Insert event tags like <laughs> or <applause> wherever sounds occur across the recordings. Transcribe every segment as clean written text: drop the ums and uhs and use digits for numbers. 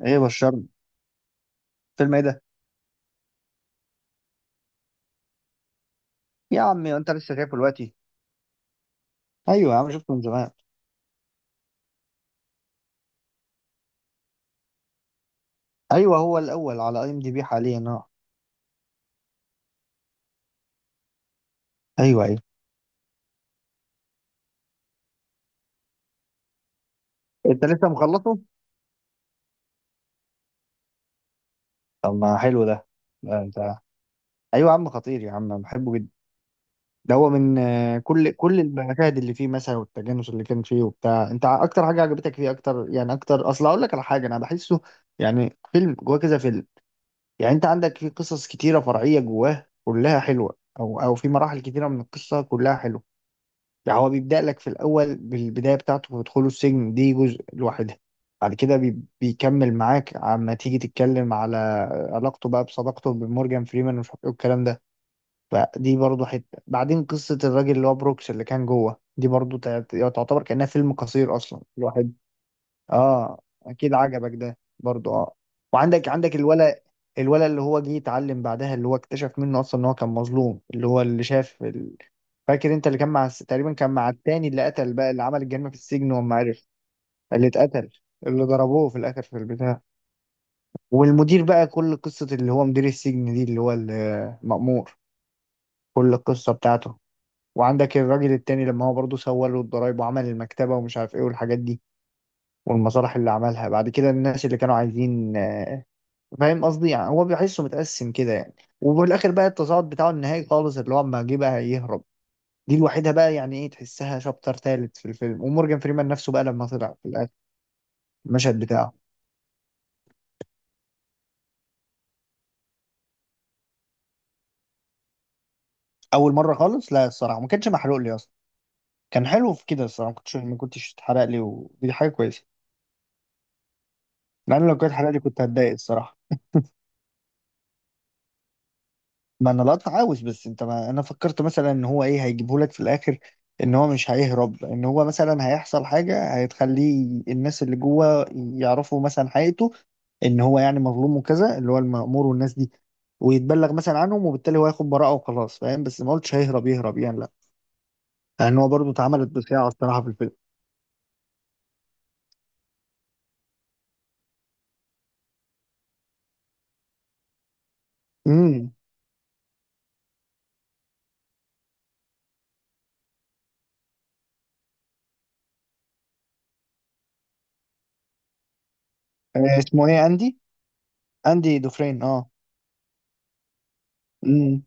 ايه بشرني؟ فيلم ايه ده؟ يا عم انت لسه شايفه دلوقتي؟ ايوه يا عم، شفته من زمان. ايوه، هو الاول على اي ام دي بي حاليا، اه. ايوه ايوه. انت لسه مخلصه؟ طب ما حلو ده. لا انت. ايوه يا عم، خطير يا عم، أنا بحبه جدا. ده هو من كل المشاهد اللي فيه مثلا، والتجانس اللي كان فيه وبتاع. انت اكتر حاجه عجبتك فيه؟ اكتر يعني، اكتر، اصل اقول لك على حاجه، انا بحسه يعني فيلم جواه كذا فيلم. يعني انت عندك فيه قصص كتيره فرعيه جواه كلها حلوه، او او في مراحل كتيره من القصه كلها حلوه. يعني هو بيبدأ لك في الأول بالبداية بتاعته ودخوله السجن، دي جزء لوحدها. بعد كده بيكمل معاك، عما تيجي تتكلم على علاقته بقى، بصداقته بمورجان فريمان ومش عارف ايه والكلام ده. فدي برضه حتة. بعدين قصة الراجل اللي هو بروكس اللي كان جوه، دي برضه تعتبر كأنها فيلم قصير أصلا الواحد. اه، اكيد عجبك ده برضو، اه. وعندك الولا، الولا اللي هو جه يتعلم بعدها، اللي هو اكتشف منه اصلا ان هو كان مظلوم، اللي هو اللي شاف فاكر انت اللي كان مع تقريبا كان مع التاني اللي قتل بقى، اللي عمل الجريمه في السجن وما عرف. اللي اتقتل، اللي ضربوه في الاخر في البتاع. والمدير بقى، كل قصه اللي هو مدير السجن دي، اللي هو المأمور، كل القصه بتاعته. وعندك الراجل التاني لما هو برضه سوى له الضرايب وعمل المكتبه ومش عارف ايه والحاجات دي، والمصالح اللي عملها بعد كده، الناس اللي كانوا عايزين. فاهم قصدي؟ يعني هو بيحسه متقسم كده يعني. وفي الاخر بقى التصاعد بتاعه النهائي خالص اللي هو اما جه بقى يهرب. دي الوحيده بقى، يعني ايه، تحسها شابتر ثالث في الفيلم. ومورجان فريمان نفسه بقى لما طلع في الاخر، المشهد بتاعه. اول مره خالص، لا الصراحه ما كانش محروق لي اصلا. كان حلو في كده الصراحه. ما كنتش اتحرق لي، ودي حاجه كويسه. لان لو كانت اتحرق لي كنت هتضايق الصراحه. ما انا القطع عاوز بس انت، ما انا فكرت مثلا ان هو ايه هيجيبه لك في الاخر، ان هو مش هيهرب، ان هو مثلا هيحصل حاجه هتخليه الناس اللي جوه يعرفوا مثلا حقيقته، ان هو يعني مظلوم وكذا، اللي هو المأمور والناس دي، ويتبلغ مثلا عنهم، وبالتالي هو هياخد براءه وخلاص. فاهم؟ بس ما قلتش هيهرب يهرب يعني، لا. لان هو برضه اتعملت بصياعه الصراحه في الفيلم. امم. آه، اسمه ايه؟ اندي. اندي دوفرين، اه. امم.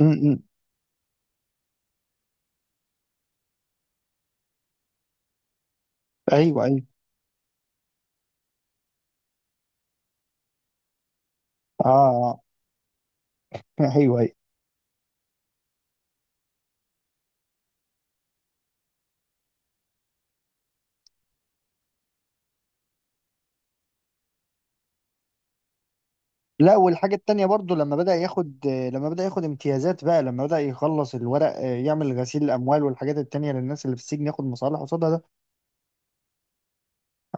امم. ايوه ايوه. اه آه. <laughs> ايوه. لا، والحاجة التانية برضو، لما بدأ ياخد امتيازات بقى، لما بدأ يخلص الورق يعمل غسيل الأموال والحاجات التانية للناس اللي في السجن، ياخد مصالح قصادها ده.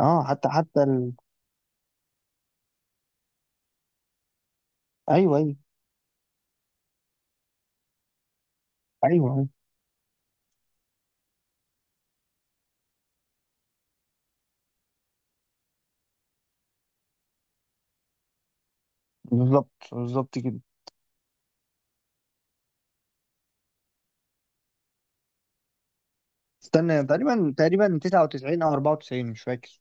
اه، حتى أيوه أيوه. أيوه أيوه. بالظبط بالظبط كده. استنى، تقريبا 99 أو 94، مش فاكر.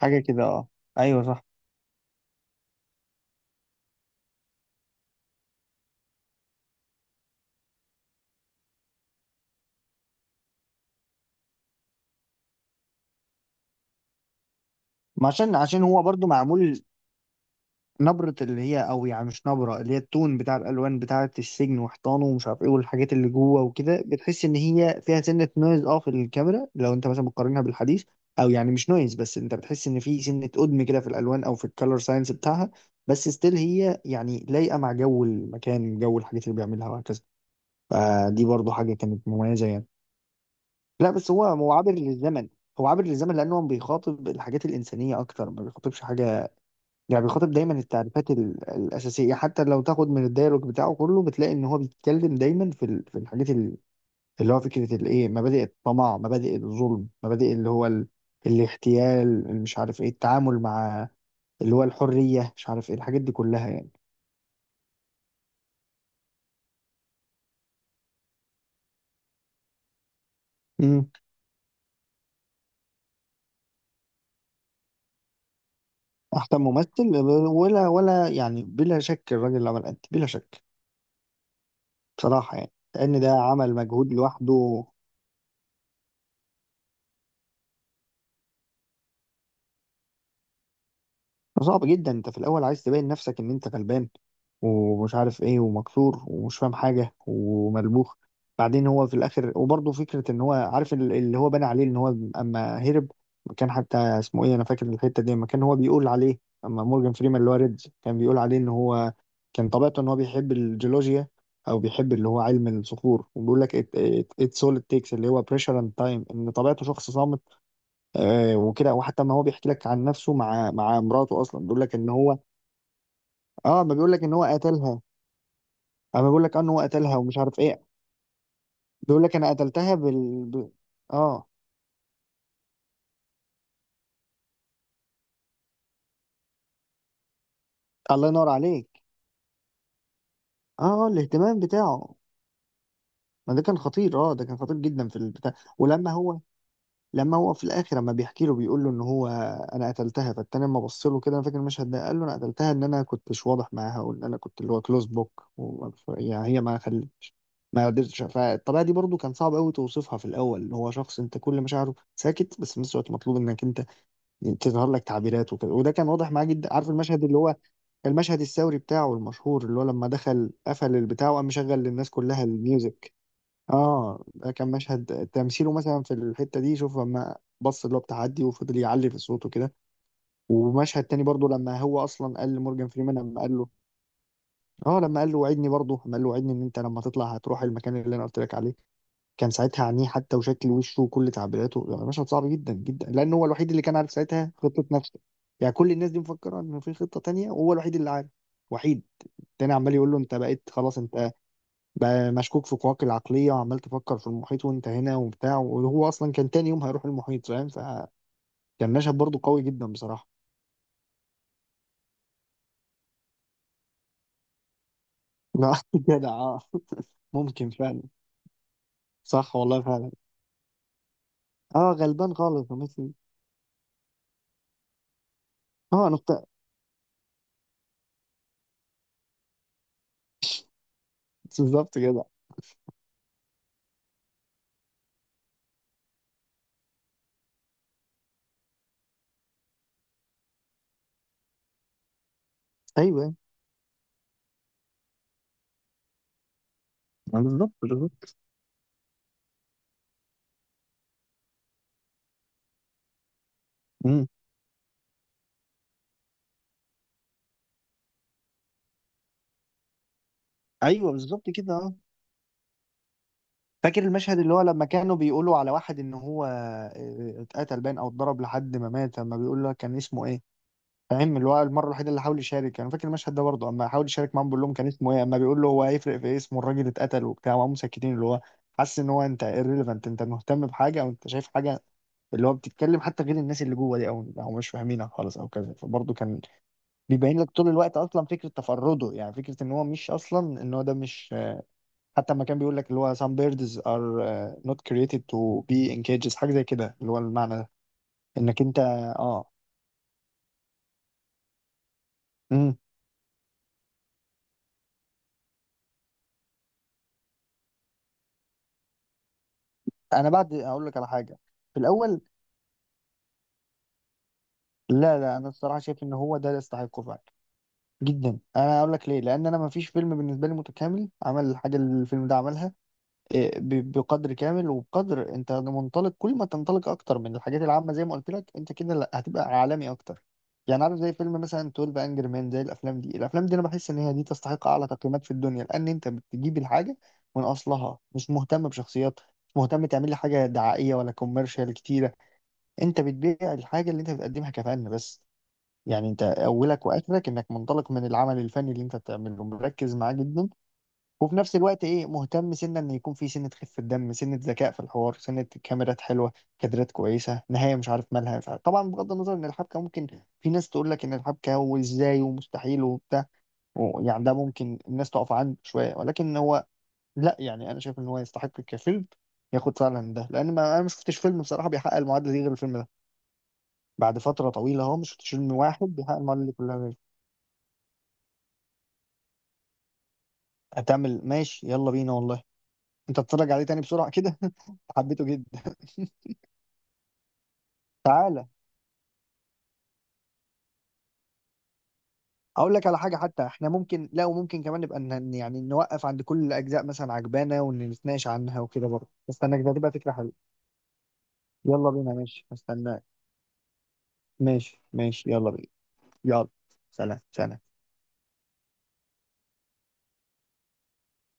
حاجة كده، اه. أيوه صح. ما عشان هو برضو معمول نبرة اللي هي، او يعني مش نبرة اللي هي، التون بتاع الالوان بتاعة السجن وحيطانه ومش عارف ايه والحاجات اللي جوه وكده، بتحس ان هي فيها سنة نويز، اه، في الكاميرا لو انت مثلا بتقارنها بالحديث. او يعني مش نويز، بس انت بتحس ان في سنة قدم كده في الالوان، او في الكالر ساينس بتاعها. بس ستيل هي يعني لايقة مع جو المكان، جو الحاجات اللي بيعملها وهكذا. فدي برضو حاجة كانت مميزة يعني. لا، بس هو عابر للزمن. هو عابر للزمن لانه بيخاطب الحاجات الانسانية اكتر، ما بيخاطبش حاجة يعني. بيخاطب دايما التعريفات الأساسية، حتى لو تاخد من الديالوج بتاعه كله بتلاقي إن هو بيتكلم دايما في في الحاجات اللي هو فكرة الإيه، مبادئ الطمع، مبادئ الظلم، مبادئ اللي هو الاغتيال، مش عارف إيه التعامل مع اللي هو الحرية، مش عارف إيه الحاجات دي كلها يعني. امم. أحسن ممثل؟ ولا يعني بلا شك الراجل اللي عمل أنت، بلا شك. بصراحة يعني، لأن ده عمل مجهود لوحده. صعب جدا، أنت في الأول عايز تبين نفسك إن أنت غلبان ومش عارف ايه ومكسور ومش فاهم حاجة وملبوخ. بعدين هو في الاخر وبرضه فكرة ان هو عارف اللي هو بنى عليه ان هو اما هرب. كان حتى اسمه ايه، انا فاكر الحتة دي اما كان هو بيقول عليه، اما مورجان فريمان اللي هو ريدز كان بيقول عليه ان هو كان طبيعته ان هو بيحب الجيولوجيا، او بيحب اللي هو علم الصخور، وبيقول لك اتس اول تيكس اللي هو بريشر اند تايم، ان طبيعته شخص صامت. آه وكده. وحتى ما هو بيحكي لك عن نفسه مع مراته اصلا بيقول لك ان هو، اه ما بيقول لك ان هو قتلها. اما بقول لك انه هو قتلها ومش عارف ايه، بيقول لك انا قتلتها اه. الله ينور عليك. اه الاهتمام بتاعه. ما ده كان خطير، اه، ده كان خطير جدا في البتاع. ولما هو في الاخر لما بيحكي له بيقول له ان هو، انا قتلتها. فالتاني لما بص له كده، انا فاكر المشهد ده، قال له انا قتلتها، ان انا كنتش واضح معاها، وان انا كنت اللي هو كلوز بوك يعني. هي ما قدرتش. فالطبيعه دي برضو كان صعب قوي توصفها في الاول، اللي هو شخص انت كل مشاعره ساكت بس في نفس الوقت مطلوب انك انت تظهر لك تعبيرات وكده. وده كان واضح معاه جدا. عارف المشهد اللي هو المشهد الثوري بتاعه المشهور اللي هو لما دخل قفل البتاع وقام مشغل للناس كلها الميوزك؟ اه، ده كان مشهد تمثيله مثلا في الحتة دي، شوف لما بص اللي هو بتاع عدي وفضل يعلي في صوته كده. ومشهد تاني برضه لما هو اصلا قال لمورجان فريمان، لما قال له، اه، لما قال له وعدني، برضه لما قال له وعدني ان انت لما تطلع هتروح المكان اللي انا قلت لك عليه، كان ساعتها عينيه حتى وشكل وشه وكل تعبيراته، يعني مشهد صعب جدا جدا، لان هو الوحيد اللي كان عارف ساعتها خطه نفسه. يعني كل الناس دي مفكره ان في خطه تانية وهو الوحيد اللي عارف. وحيد. التاني عمال يقول له انت بقيت خلاص، انت بقى مشكوك في قواك العقليه وعمال تفكر في المحيط وانت هنا وبتاع، وهو اصلا كان تاني يوم هيروح المحيط. فاهم؟ فكان مشهد برضه قوي جدا بصراحه. لا، <laughs> جدع، اه. ممكن فعلا. صح والله فعلا. اه، غلبان خالص وميسي. اه، نقطه. بالظبط، جدع. ايوه، بالظبط بالظبط. ايوه بالظبط كده، اه. فاكر المشهد اللي هو لما كانوا بيقولوا على واحد ان هو اتقتل باين او اتضرب لحد ما مات، لما بيقول له كان اسمه ايه، فاهم؟ اللي هو المره الوحيده اللي حاول يشارك. انا فاكر المشهد ده برضه، اما حاول يشارك معاهم بيقول لهم كان اسمه ايه، اما بيقول له هو هيفرق في إيه، اسمه الراجل اتقتل وبتاع، وهم مسكتين. اللي هو حاسس ان هو انت irrelevant، انت مهتم بحاجه او انت شايف حاجه اللي هو بتتكلم حتى غير الناس اللي جوه دي، او او مش فاهمينها خالص او كذا. فبرضه كان بيبين لك طول الوقت اصلا فكره تفرده، يعني فكره ان هو مش اصلا ان هو ده مش. حتى لما كان بيقول لك اللي هو some birds are not created to be in cages، حاجة زي كده اللي هو المعنى ده انك انت. اه. امم. انا بعد اقول لك على حاجة. في الاول، لا لا، انا الصراحة شايف ان هو ده اللي يستحقه فعلا. جدا. انا اقول لك ليه، لان انا ما فيش فيلم بالنسبة لي متكامل عمل الحاجة اللي الفيلم ده عملها. إيه، بقدر كامل وبقدر انت منطلق. كل ما تنطلق اكتر من الحاجات العامه، زي ما قلت لك انت كده، لا هتبقى عالمي اكتر. يعني عارف زي فيلم مثلا 12 انجر مان، زي الافلام دي. الافلام دي انا بحس ان هي دي تستحق اعلى تقييمات في الدنيا، لان انت بتجيب الحاجه من اصلها، مش مهتم بشخصيات، مش مهتم تعمل لي حاجه دعائيه ولا كوميرشال كتيره. انت بتبيع الحاجه اللي انت بتقدمها كفن بس. يعني انت اولك واخرك انك منطلق من العمل الفني اللي انت بتعمله، مركز معاه جدا. وفي نفس الوقت ايه، مهتم سنة ان يكون في سنة خفة دم، سنة ذكاء في الحوار، سنة كاميرات حلوة، كادرات كويسة، نهاية مش عارف مالها، مش عارف طبعا بغض النظر ان الحبكة ممكن، في ناس تقول لك ان الحبكة وازاي ومستحيل وبتاع، يعني ده ممكن الناس تقف عنه شوية، ولكن هو لا، يعني انا شايف ان هو يستحق كفيلم ياخد فعلا ده. لان ما انا ما شفتش فيلم بصراحة بيحقق المعادلة دي غير الفيلم ده، بعد فترة طويلة اهو. ما شفتش فيلم واحد بيحقق المعادلة دي كلها غير. هتعمل ماشي، يلا بينا والله. انت تتفرج عليه تاني بسرعة كده؟ <laughs> حبيته جدا. تعالى، اقول لك على حاجه، حتى احنا ممكن لا، وممكن كمان نبقى يعني نوقف عند كل الاجزاء مثلا عجبانه ونتناقش عنها وكده برضه. استناك، ده تبقى فكره حلوه. يلا بينا ماشي، استناك. ماشي ماشي يلا بينا. يلا. سلام سلام.